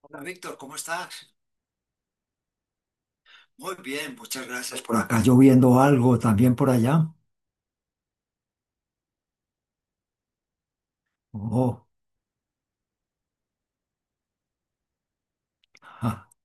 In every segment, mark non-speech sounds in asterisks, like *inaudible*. Hola Víctor, ¿cómo estás? Muy bien, muchas gracias. Por acá lloviendo algo, también por allá. Oh, *laughs*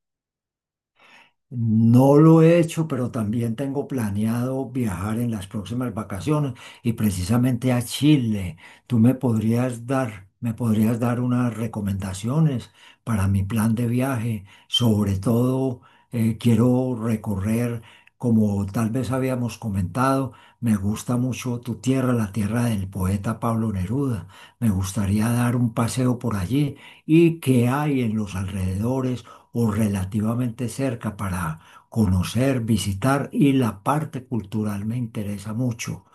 No lo he hecho, pero también tengo planeado viajar en las próximas vacaciones y precisamente a Chile. ¿Tú me podrías dar unas recomendaciones para mi plan de viaje? Sobre todo, quiero recorrer, como tal vez habíamos comentado, me gusta mucho tu tierra, la tierra del poeta Pablo Neruda. Me gustaría dar un paseo por allí y qué hay en los alrededores o relativamente cerca para conocer, visitar y la parte cultural me interesa mucho.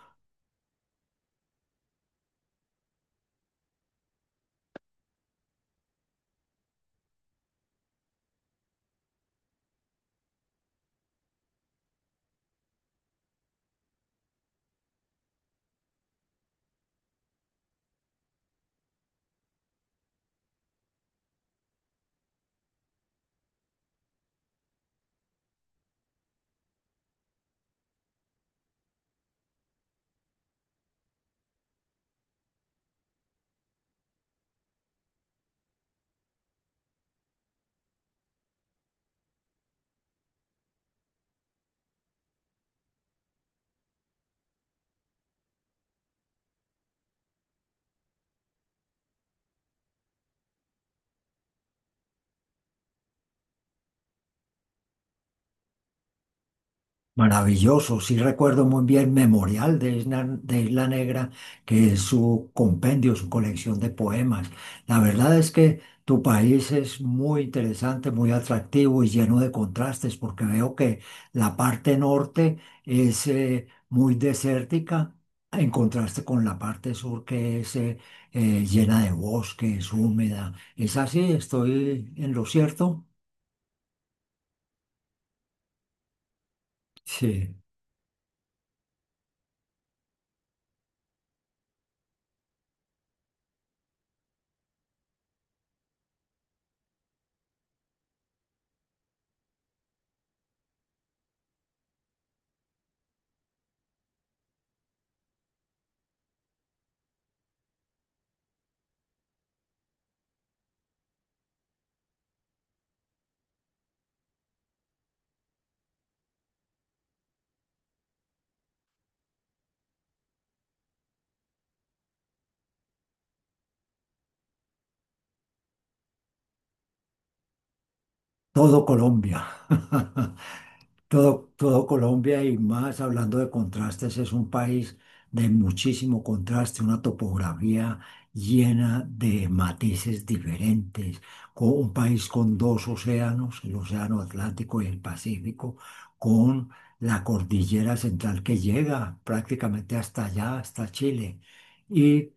Maravilloso, sí recuerdo muy bien Memorial de Isla Negra, que es su compendio, su colección de poemas. La verdad es que tu país es muy interesante, muy atractivo y lleno de contrastes, porque veo que la parte norte es muy desértica, en contraste con la parte sur que es llena de bosques, húmeda. ¿Es así? ¿Estoy en lo cierto? Sí, todo Colombia. *laughs* Todo, todo Colombia y más hablando de contrastes, es un país de muchísimo contraste, una topografía llena de matices diferentes, con un país con dos océanos, el Océano Atlántico y el Pacífico, con la cordillera central que llega prácticamente hasta allá, hasta Chile, y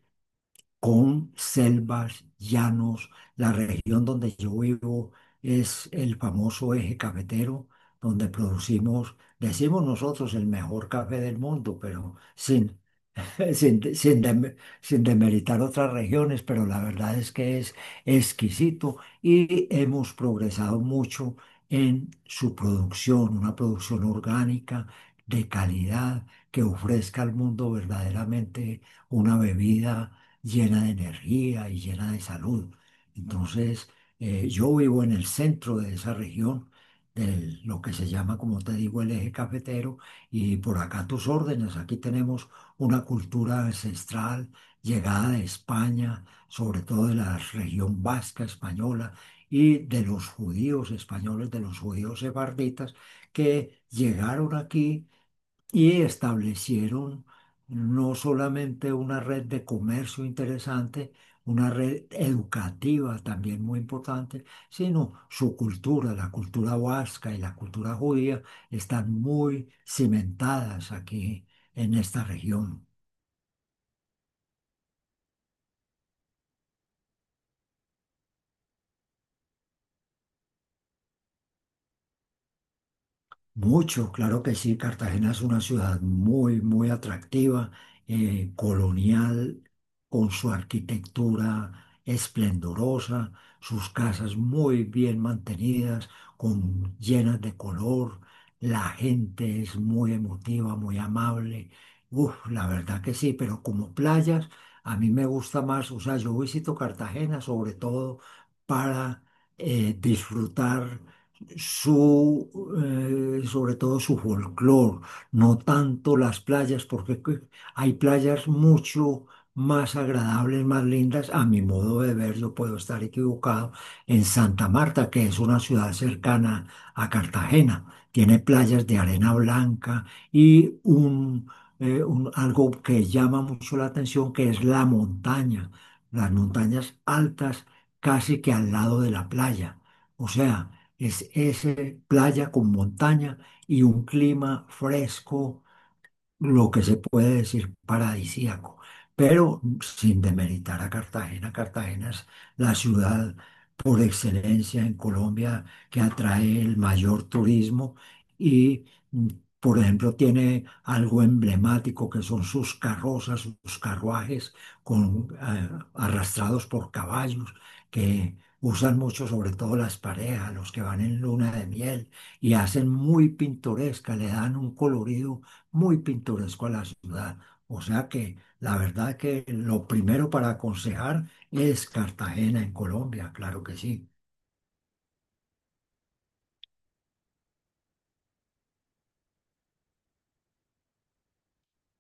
con selvas, llanos. La región donde yo vivo es el famoso eje cafetero, donde producimos, decimos nosotros, el mejor café del mundo, pero sin *laughs* sin, de- sin, dem- sin demeritar otras regiones, pero la verdad es que es exquisito y hemos progresado mucho en su producción, una producción orgánica de calidad que ofrezca al mundo verdaderamente una bebida llena de energía y llena de salud. Entonces, yo vivo en el centro de esa región, de lo que se llama, como te digo, el eje cafetero, y por acá a tus órdenes, aquí tenemos una cultura ancestral llegada de España, sobre todo de la región vasca española y de los judíos españoles, de los judíos sefarditas, que llegaron aquí y establecieron no solamente una red de comercio interesante, una red educativa también muy importante, sino su cultura, la cultura vasca y la cultura judía están muy cimentadas aquí en esta región. Mucho, claro que sí. Cartagena es una ciudad muy, muy atractiva, colonial, con su arquitectura esplendorosa, sus casas muy bien mantenidas, con, llenas de color. La gente es muy emotiva, muy amable. Uf, la verdad que sí, pero como playas, a mí me gusta más, o sea, yo visito Cartagena sobre todo para disfrutar su, sobre todo su folclore, no tanto las playas, porque hay playas mucho más agradables, más lindas, a mi modo de verlo, puedo estar equivocado, en Santa Marta, que es una ciudad cercana a Cartagena. Tiene playas de arena blanca y un, algo que llama mucho la atención, que es la montaña, las montañas altas casi que al lado de la playa. O sea, es playa con montaña y un clima fresco, lo que se puede decir paradisíaco, pero sin demeritar a Cartagena. Cartagena es la ciudad por excelencia en Colombia que atrae el mayor turismo y, mm, por ejemplo, tiene algo emblemático que son sus carrozas, sus carruajes con, arrastrados por caballos que... Usan mucho, sobre todo las parejas, los que van en luna de miel y hacen muy pintoresca, le dan un colorido muy pintoresco a la ciudad. O sea que la verdad que lo primero para aconsejar es Cartagena en Colombia, claro que sí.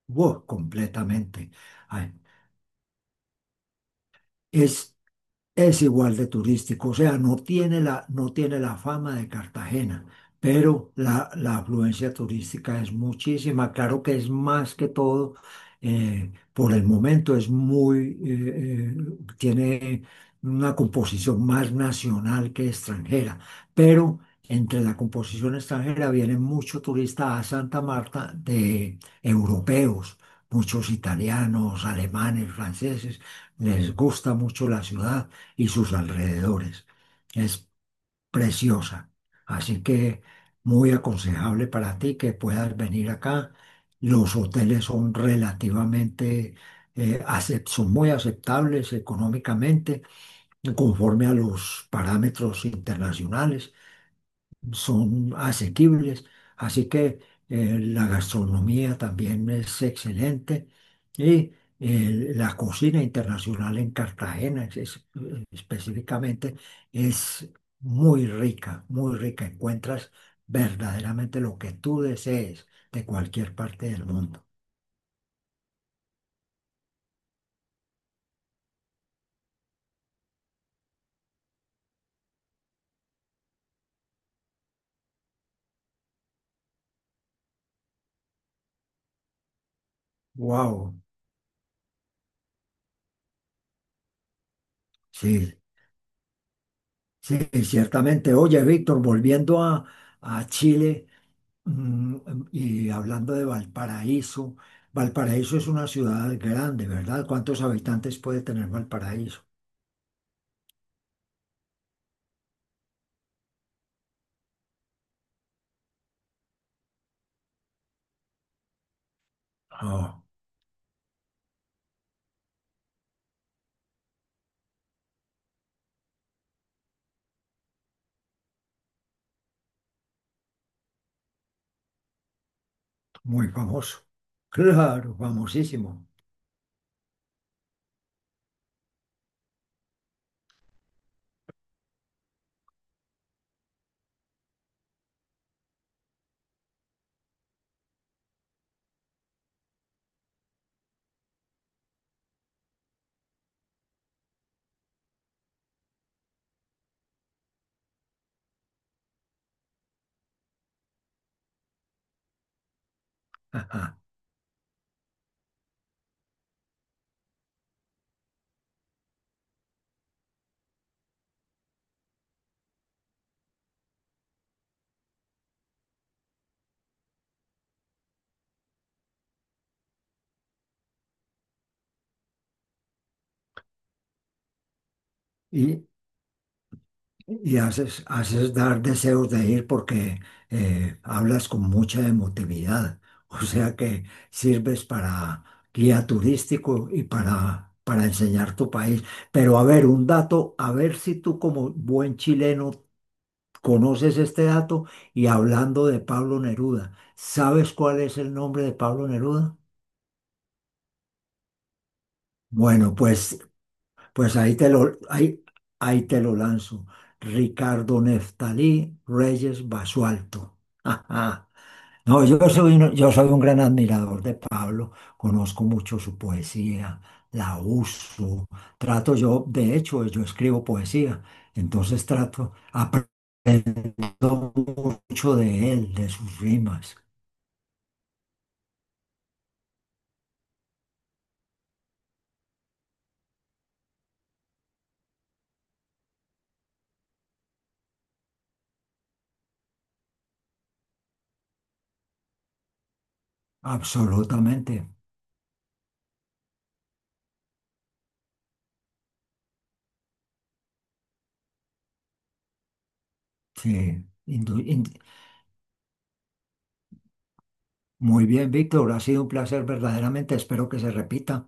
Wow, completamente. Ay, es Es igual de turístico, o sea, no tiene la, no tiene la fama de Cartagena, pero la afluencia turística es muchísima. Claro que es más que todo, por el momento es muy, tiene una composición más nacional que extranjera, pero entre la composición extranjera vienen muchos turistas a Santa Marta de europeos, muchos italianos, alemanes, franceses, les gusta mucho la ciudad y sus alrededores. Es preciosa. Así que muy aconsejable para ti que puedas venir acá. Los hoteles son relativamente, son muy aceptables económicamente, conforme a los parámetros internacionales son asequibles, así que la gastronomía también es excelente y la cocina internacional en Cartagena específicamente es muy rica, muy rica. Encuentras verdaderamente lo que tú desees de cualquier parte del mundo. Wow, sí, sí, ciertamente. Oye, Víctor, volviendo a Chile. Mm, Y hablando de Valparaíso, Valparaíso es una ciudad grande, ¿verdad? ¿Cuántos habitantes puede tener Valparaíso? Ah, muy famoso. Claro, famosísimo. Ajá. Y, y haces dar deseos de ir porque hablas con mucha emotividad. O sea que sirves para guía turístico y para enseñar tu país. Pero a ver, un dato, a ver si tú como buen chileno conoces este dato y hablando de Pablo Neruda, ¿sabes cuál es el nombre de Pablo Neruda? Bueno, pues, pues ahí te lo, ahí, ahí te lo lanzo. Ricardo Neftalí Reyes Basualto. *laughs* Ajá. No, yo soy un gran admirador de Pablo, conozco mucho su poesía, la uso, trato yo, de hecho, yo escribo poesía, entonces trato, aprendo mucho de él, de sus rimas. Absolutamente. Sí. Muy bien, Víctor. Ha sido un placer verdaderamente. Espero que se repita.